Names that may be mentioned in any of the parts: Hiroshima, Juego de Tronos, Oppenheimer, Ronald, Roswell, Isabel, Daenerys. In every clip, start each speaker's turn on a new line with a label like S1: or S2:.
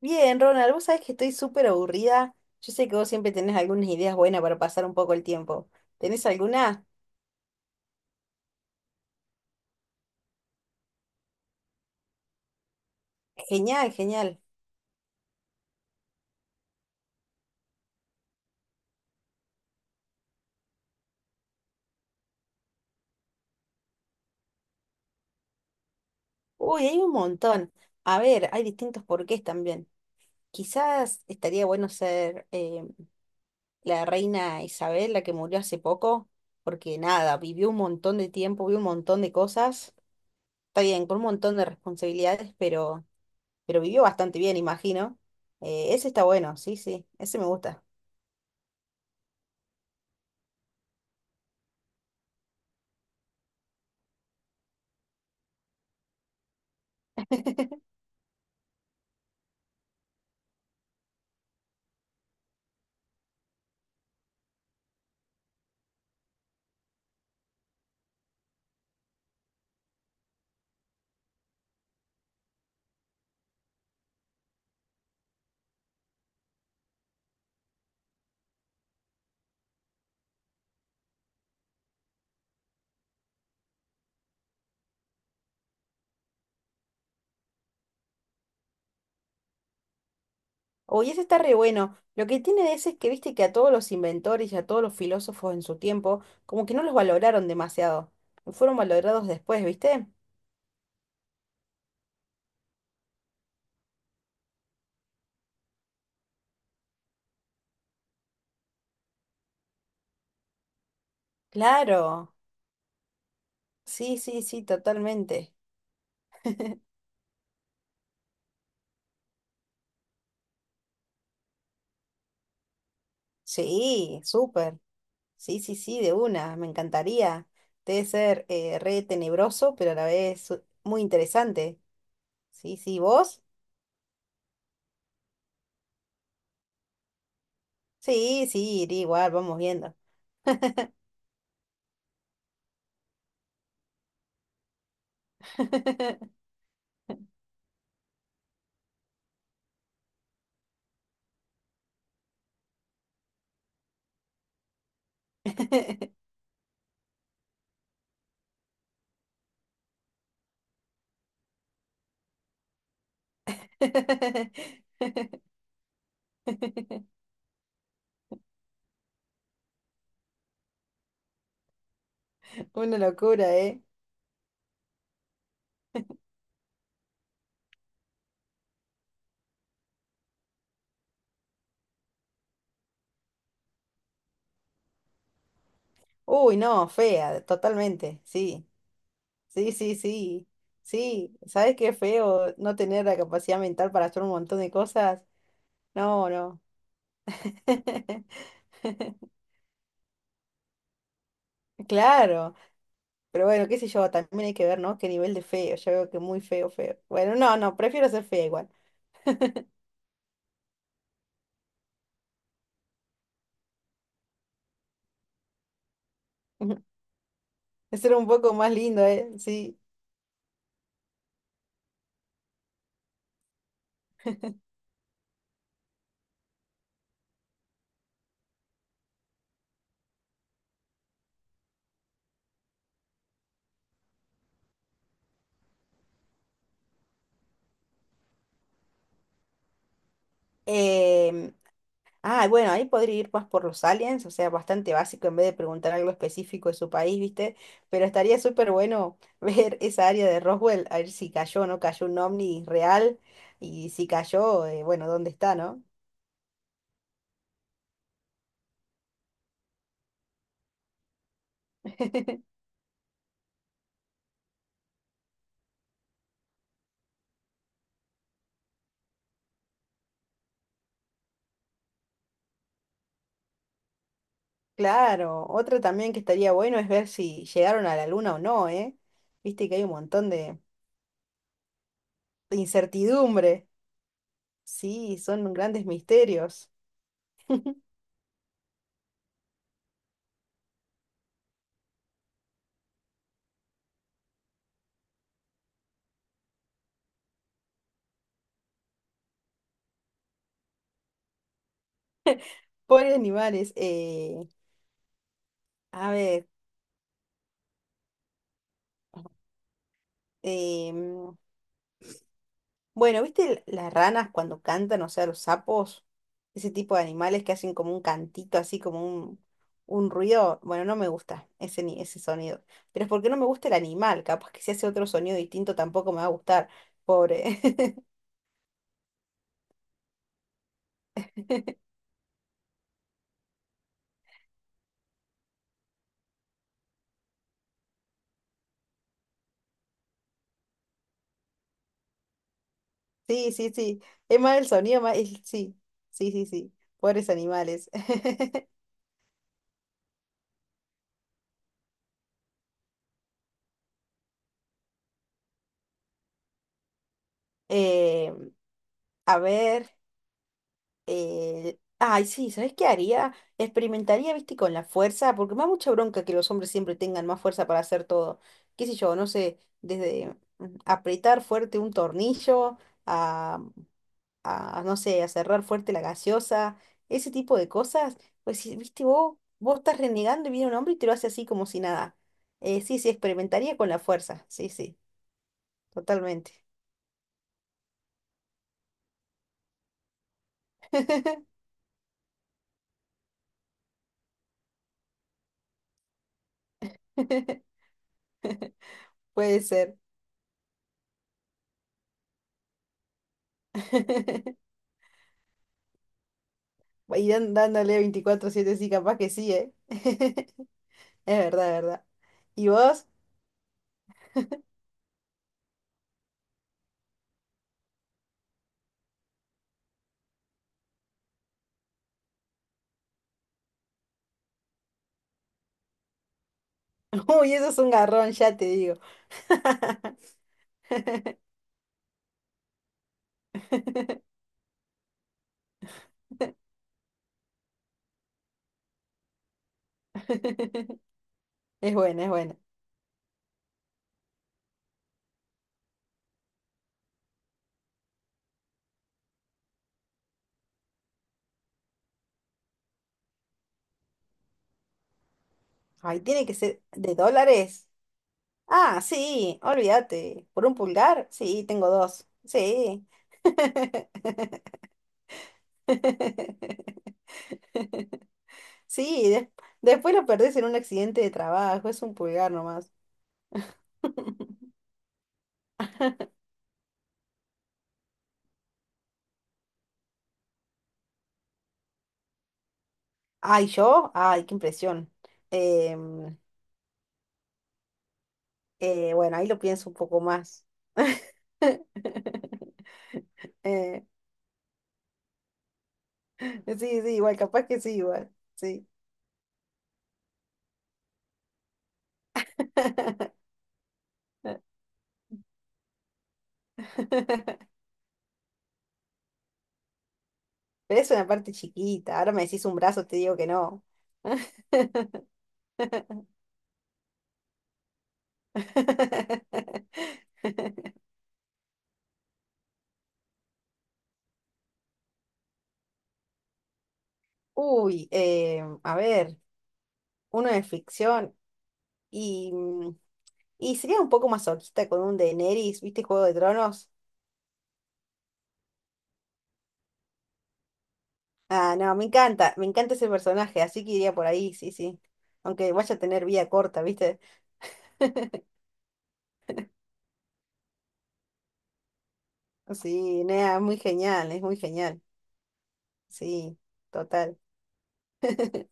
S1: Bien, Ronald, vos sabés que estoy súper aburrida. Yo sé que vos siempre tenés algunas ideas buenas para pasar un poco el tiempo. ¿Tenés alguna? Genial, genial. Uy, hay un montón. A ver, hay distintos porqués también. Quizás estaría bueno ser la reina Isabel, la que murió hace poco, porque nada, vivió un montón de tiempo, vivió un montón de cosas. Está bien, con un montón de responsabilidades, pero vivió bastante bien, imagino. Ese está bueno, sí, sí, ese me gusta. Oye, ese está re bueno. Lo que tiene de ese es que viste que a todos los inventores y a todos los filósofos en su tiempo, como que no los valoraron demasiado. Fueron valorados después, ¿viste? Claro. Sí, sí, sí, totalmente. Sí, súper. Sí, sí, sí, de una. Me encantaría. Debe ser re tenebroso, pero a la vez muy interesante. Sí, sí, ¿vos? Sí, sí, iría igual, vamos viendo. Una locura, ¿eh? Uy, no, fea, totalmente, sí, sí, sí, sí, sí, ¿sabes qué feo no tener la capacidad mental para hacer un montón de cosas? No, no. Claro, pero bueno, qué sé yo, también hay que ver, ¿no? Qué nivel de feo, yo veo que muy feo, feo. Bueno, no, no, prefiero ser fea igual. Ser un poco más lindo, ¿eh? Sí. Em, Ah, bueno, ahí podría ir más por los aliens, o sea, bastante básico en vez de preguntar algo específico de su país, ¿viste? Pero estaría súper bueno ver esa área de Roswell, a ver si cayó o no cayó un ovni real y si cayó, bueno, ¿dónde está, no? Claro, otra también que estaría bueno es ver si llegaron a la luna o no, ¿eh? Viste que hay un montón de incertidumbre. Sí, son grandes misterios. Pobres animales. A ver. em, Bueno, ¿viste las ranas cuando cantan, o sea, los sapos? Ese tipo de animales que hacen como un cantito, así como un ruido. Bueno, no me gusta ese, ese sonido. Pero es porque no me gusta el animal. Capaz que si hace otro sonido distinto tampoco me va a gustar. Pobre. Sí, sí, sí. Es más el sonido, más... Sí, sí, sí, sí. Pobres animales. Eh, a ver. Ay, sí, ¿sabes qué haría? Experimentaría, viste, con la fuerza, porque me da mucha bronca que los hombres siempre tengan más fuerza para hacer todo. ¿Qué sé yo? No sé, desde apretar fuerte un tornillo a, a, no sé, a cerrar fuerte la gaseosa, ese tipo de cosas. Pues, sí, viste, vos estás renegando y viene un hombre y te lo hace así como si nada. Sí, sí, experimentaría con la fuerza. Sí, sí, totalmente. Puede ser. Y dándole 24/7 sí, capaz que sí, ¿eh? Es verdad, es verdad. ¿Y vos? Uy, eso es un garrón, ya te digo. Es buena, es buena. Ay, tiene que ser de dólares. Ah, sí, olvídate. ¿Por un pulgar? Sí, tengo dos. Sí. Sí, después lo perdés en un accidente de trabajo, es un pulgar nomás. Ay, yo, ay, qué impresión. Em, bueno, ahí lo pienso un poco más. Eh, sí, sí, igual, capaz que sí, igual. Sí. Pero es una parte chiquita. Ahora me decís un brazo, te digo que no. Uy, a ver, uno de ficción y, mm, y sería un poco masoquista con un Daenerys, ¿viste Juego de Tronos? Ah, no, me encanta ese personaje, así que iría por ahí, sí, sí. Aunque vaya a tener vida corta, ¿viste? Sí, Nea, es muy genial, es muy genial. Sí, total.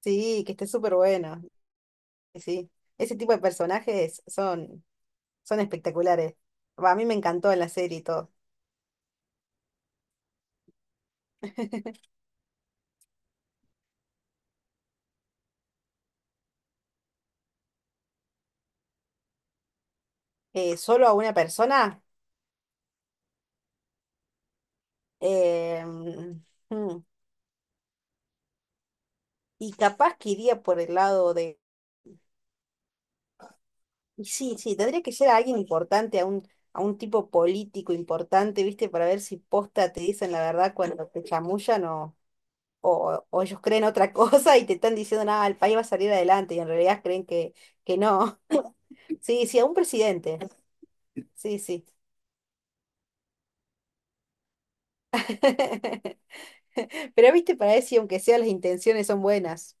S1: Sí, que esté súper bueno. Sí, ese tipo de personajes son, son espectaculares. Va, a mí me encantó en la serie y todo. Solo a una persona. eh, mm, y capaz que iría por el lado de... Sí, sí, tendría que ser a alguien importante, a un tipo político importante, ¿viste? Para ver si posta te dicen la verdad cuando te chamullan o... o ellos creen otra cosa y te están diciendo, nada, el país va a salir adelante y en realidad creen que no. Sí, sí, a un presidente. Sí, sí. Pero viste, para eso, aunque sea, las intenciones son buenas.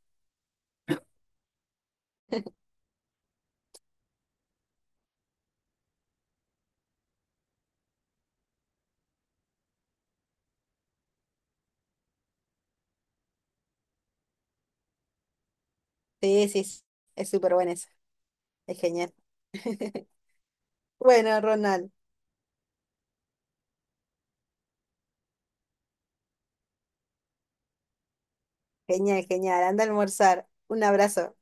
S1: Sí, sí, sí. Es súper buena esa. Es genial. Bueno, Ronald, genial, genial. Anda a almorzar. Un abrazo.